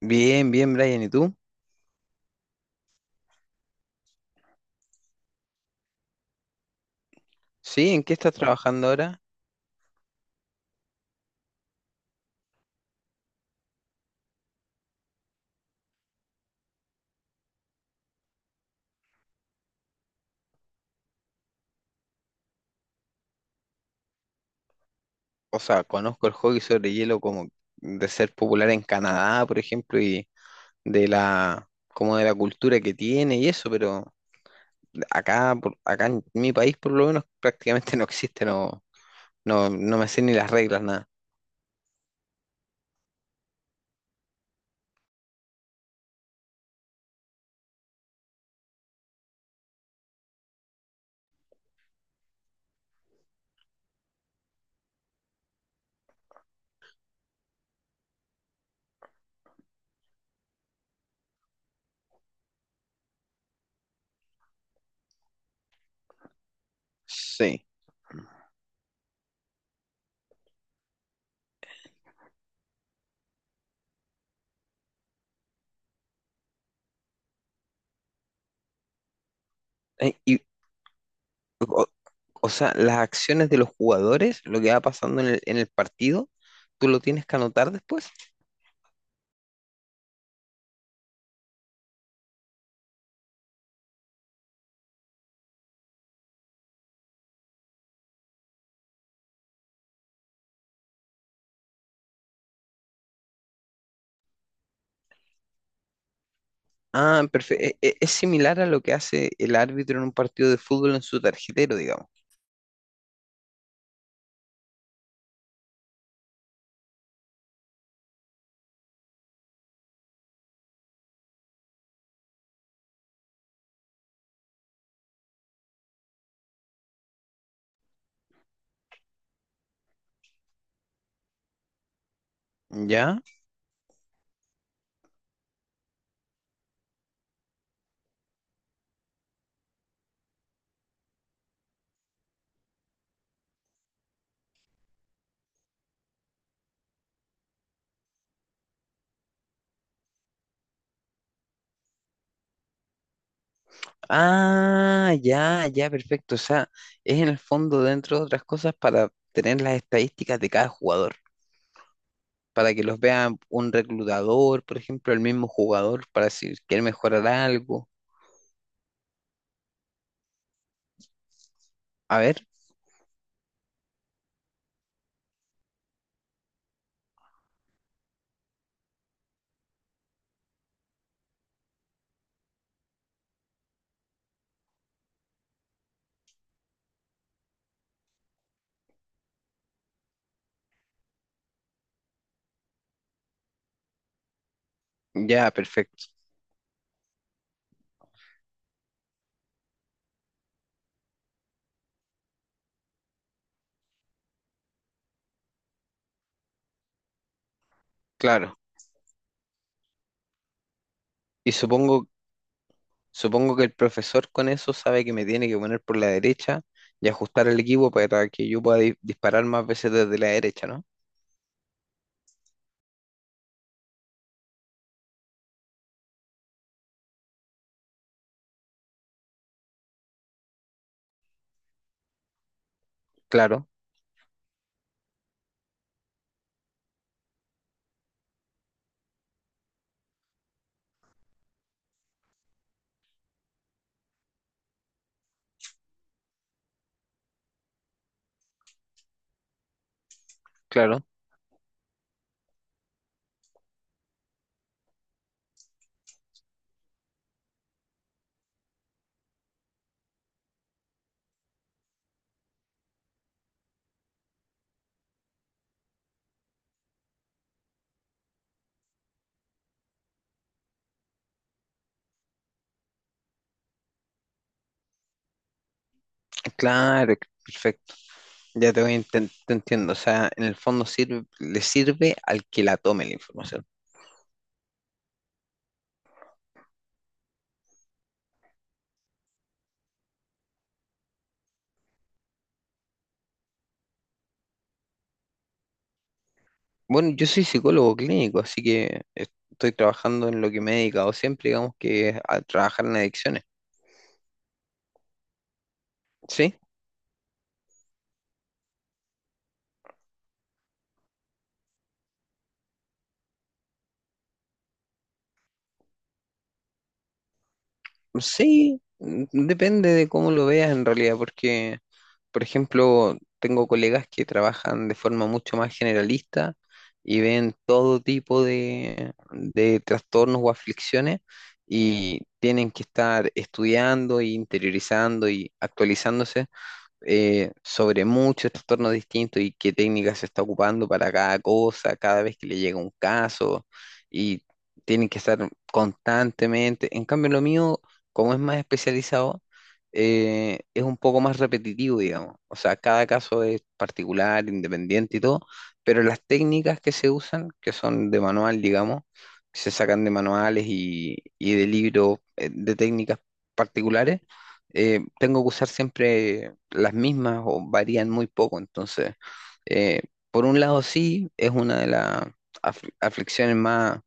Bien, bien, Brian, ¿y tú? Sí, ¿en qué estás trabajando ahora? O sea, conozco el hockey sobre hielo como de ser popular en Canadá, por ejemplo, y de la cultura que tiene y eso, pero acá en mi país por lo menos prácticamente no existe, no me sé ni las reglas nada. Sí. Eh, Y o, o sea, las acciones de los jugadores, lo que va pasando en el partido, ¿tú lo tienes que anotar después? Ah, perfecto. Es, similar a lo que hace el árbitro en un partido de fútbol en su tarjetero, digamos. ¿Ya? Ah, ya, ya, perfecto. O sea, es en el fondo, dentro de otras cosas, para tener las estadísticas de cada jugador, para que los vea un reclutador, por ejemplo, el mismo jugador, para si quiere mejorar algo. A ver, ya, perfecto. Claro. Y supongo Supongo que el profesor con eso sabe que me tiene que poner por la derecha y ajustar el equipo para que yo pueda disparar más veces desde la derecha, ¿no? Claro, claro, claro, perfecto. Ya te voy, te entiendo. O sea, en el fondo sirve, le sirve al que la tome la información. Bueno, yo soy psicólogo clínico, así que estoy trabajando en lo que me he dedicado siempre, digamos que es a trabajar en adicciones. ¿Sí? Sí, mm, depende de cómo lo veas en realidad, porque, por ejemplo, tengo colegas que trabajan de forma mucho más generalista y ven todo tipo de trastornos o aflicciones y tienen que estar estudiando e interiorizando y actualizándose sobre muchos trastornos distintos y qué técnica se está ocupando para cada cosa, cada vez que le llega un caso y tienen que estar constantemente. En cambio, lo mío, como es más especializado, es un poco más repetitivo, digamos. O sea, cada caso es particular, independiente y todo, pero las técnicas que se usan, que son de manual, digamos, que se sacan de manuales y de libros de técnicas particulares, tengo que usar siempre las mismas o varían muy poco. Entonces, eh, por un lado sí, es una de las aflicciones más,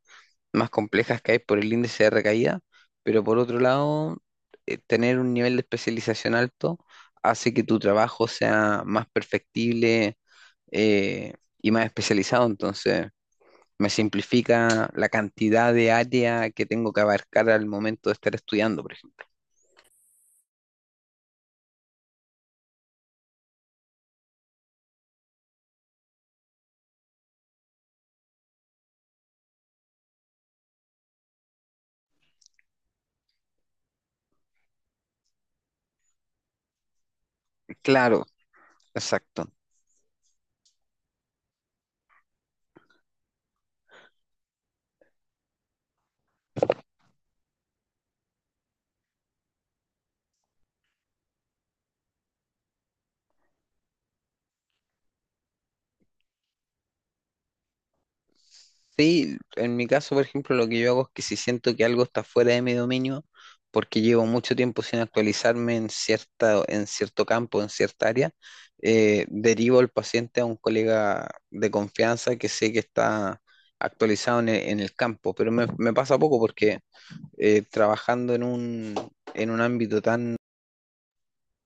más complejas que hay por el índice de recaída, pero por otro lado, tener un nivel de especialización alto hace que tu trabajo sea más perfectible eh, y más especializado. Entonces, me simplifica la cantidad de área que tengo que abarcar al momento de estar estudiando, por ejemplo. Claro, exacto. Sí, en mi caso, por ejemplo, lo que yo hago es que si siento que algo está fuera de mi dominio, porque llevo mucho tiempo sin actualizarme en cierta, en cierto campo, en cierta área, derivo al paciente a un colega de confianza que sé que está actualizado en el campo. Pero me pasa poco porque trabajando en un ámbito tan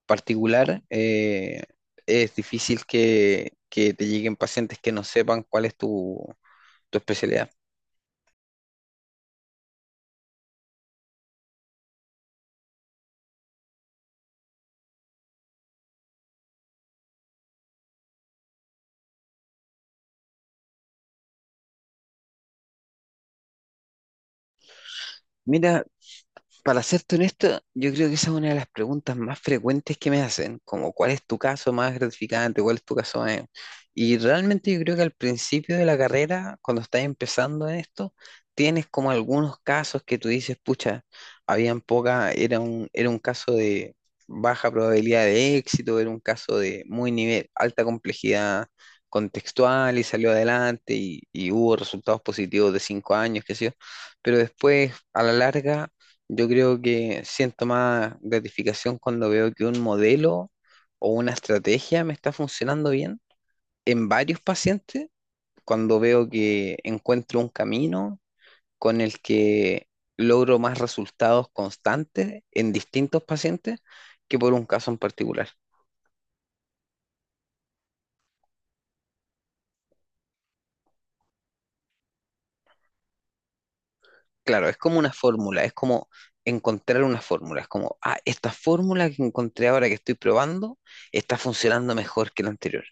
particular, es difícil que te lleguen pacientes que no sepan cuál es tu tu especialidad. Mira, para serte honesto, yo creo que esa es una de las preguntas más frecuentes que me hacen, como cuál es tu caso más gratificante, cuál es tu caso más... Y realmente yo creo que al principio de la carrera, cuando estás empezando en esto, tienes como algunos casos que tú dices, pucha, habían poca, era un caso de baja probabilidad de éxito, era un caso de muy nivel, alta complejidad contextual y salió adelante y hubo resultados positivos de 5 años, qué sé yo, pero después a la larga yo creo que siento más gratificación cuando veo que un modelo o una estrategia me está funcionando bien en varios pacientes, cuando veo que encuentro un camino con el que logro más resultados constantes en distintos pacientes que por un caso en particular. Claro, es como una fórmula, es como encontrar una fórmula, es como, ah, esta fórmula que encontré ahora que estoy probando está funcionando mejor que la anterior.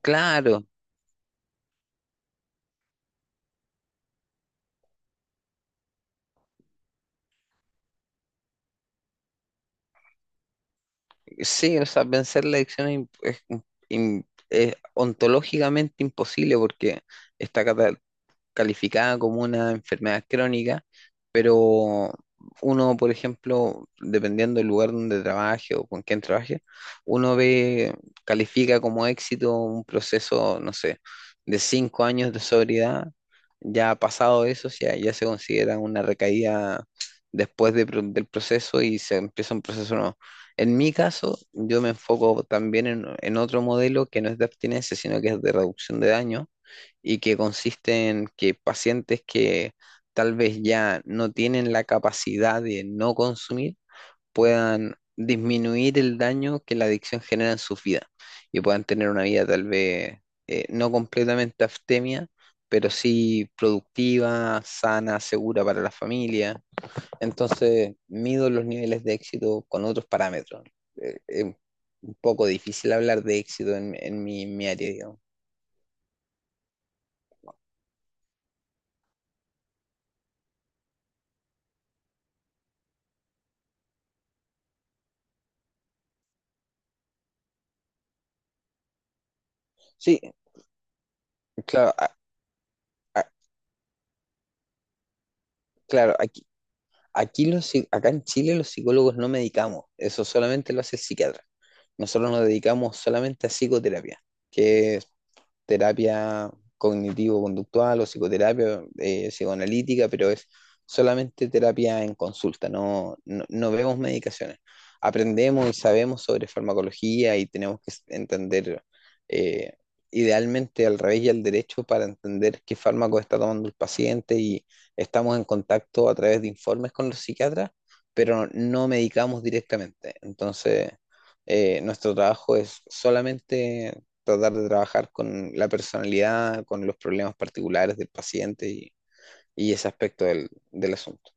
Claro, sí, o sea, vencer la adicción es, es ontológicamente imposible porque está calificada como una enfermedad crónica, pero uno, por ejemplo, dependiendo del lugar donde trabaje o con quién trabaje, uno ve, califica como éxito un proceso, no sé, de 5 años de sobriedad. Ya pasado eso, ya, ya se considera una recaída después del proceso y se empieza un proceso nuevo. En mi caso, yo me enfoco también en otro modelo que no es de abstinencia, sino que es de reducción de daño, y que consiste en que pacientes que tal vez ya no tienen la capacidad de no consumir puedan disminuir el daño que la adicción genera en su vida y puedan tener una vida tal vez no completamente abstemia, pero sí productiva, sana, segura para la familia. Entonces, mido los niveles de éxito con otros parámetros. Eh, eh, un poco difícil hablar de éxito en mi, mi área, digamos. Sí, claro, claro, aquí, aquí los, acá en Chile los psicólogos no medicamos, eso solamente lo hace el psiquiatra. Nosotros nos dedicamos solamente a psicoterapia, que terapia cognitivo-conductual o psicoterapia psicoanalítica, pero es solamente terapia en consulta, no vemos medicaciones. Aprendemos y sabemos sobre farmacología y tenemos que entender eh, idealmente al revés y al derecho para entender qué fármaco está tomando el paciente y estamos en contacto a través de informes con los psiquiatras, pero no medicamos directamente. Entonces, nuestro trabajo es solamente tratar de trabajar con la personalidad, con los problemas particulares del paciente y ese aspecto del, del asunto.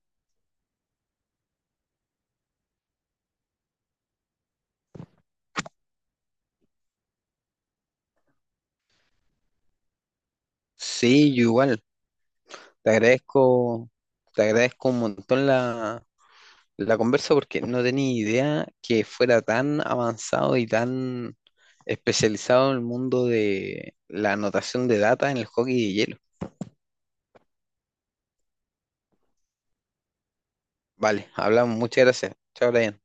Sí, yo igual, te agradezco, te agradezco un montón la, la conversa porque no tenía idea que fuera tan avanzado y tan especializado en el mundo de la anotación de data en el hockey de hielo. Vale, hablamos, muchas gracias. Chao, Brian.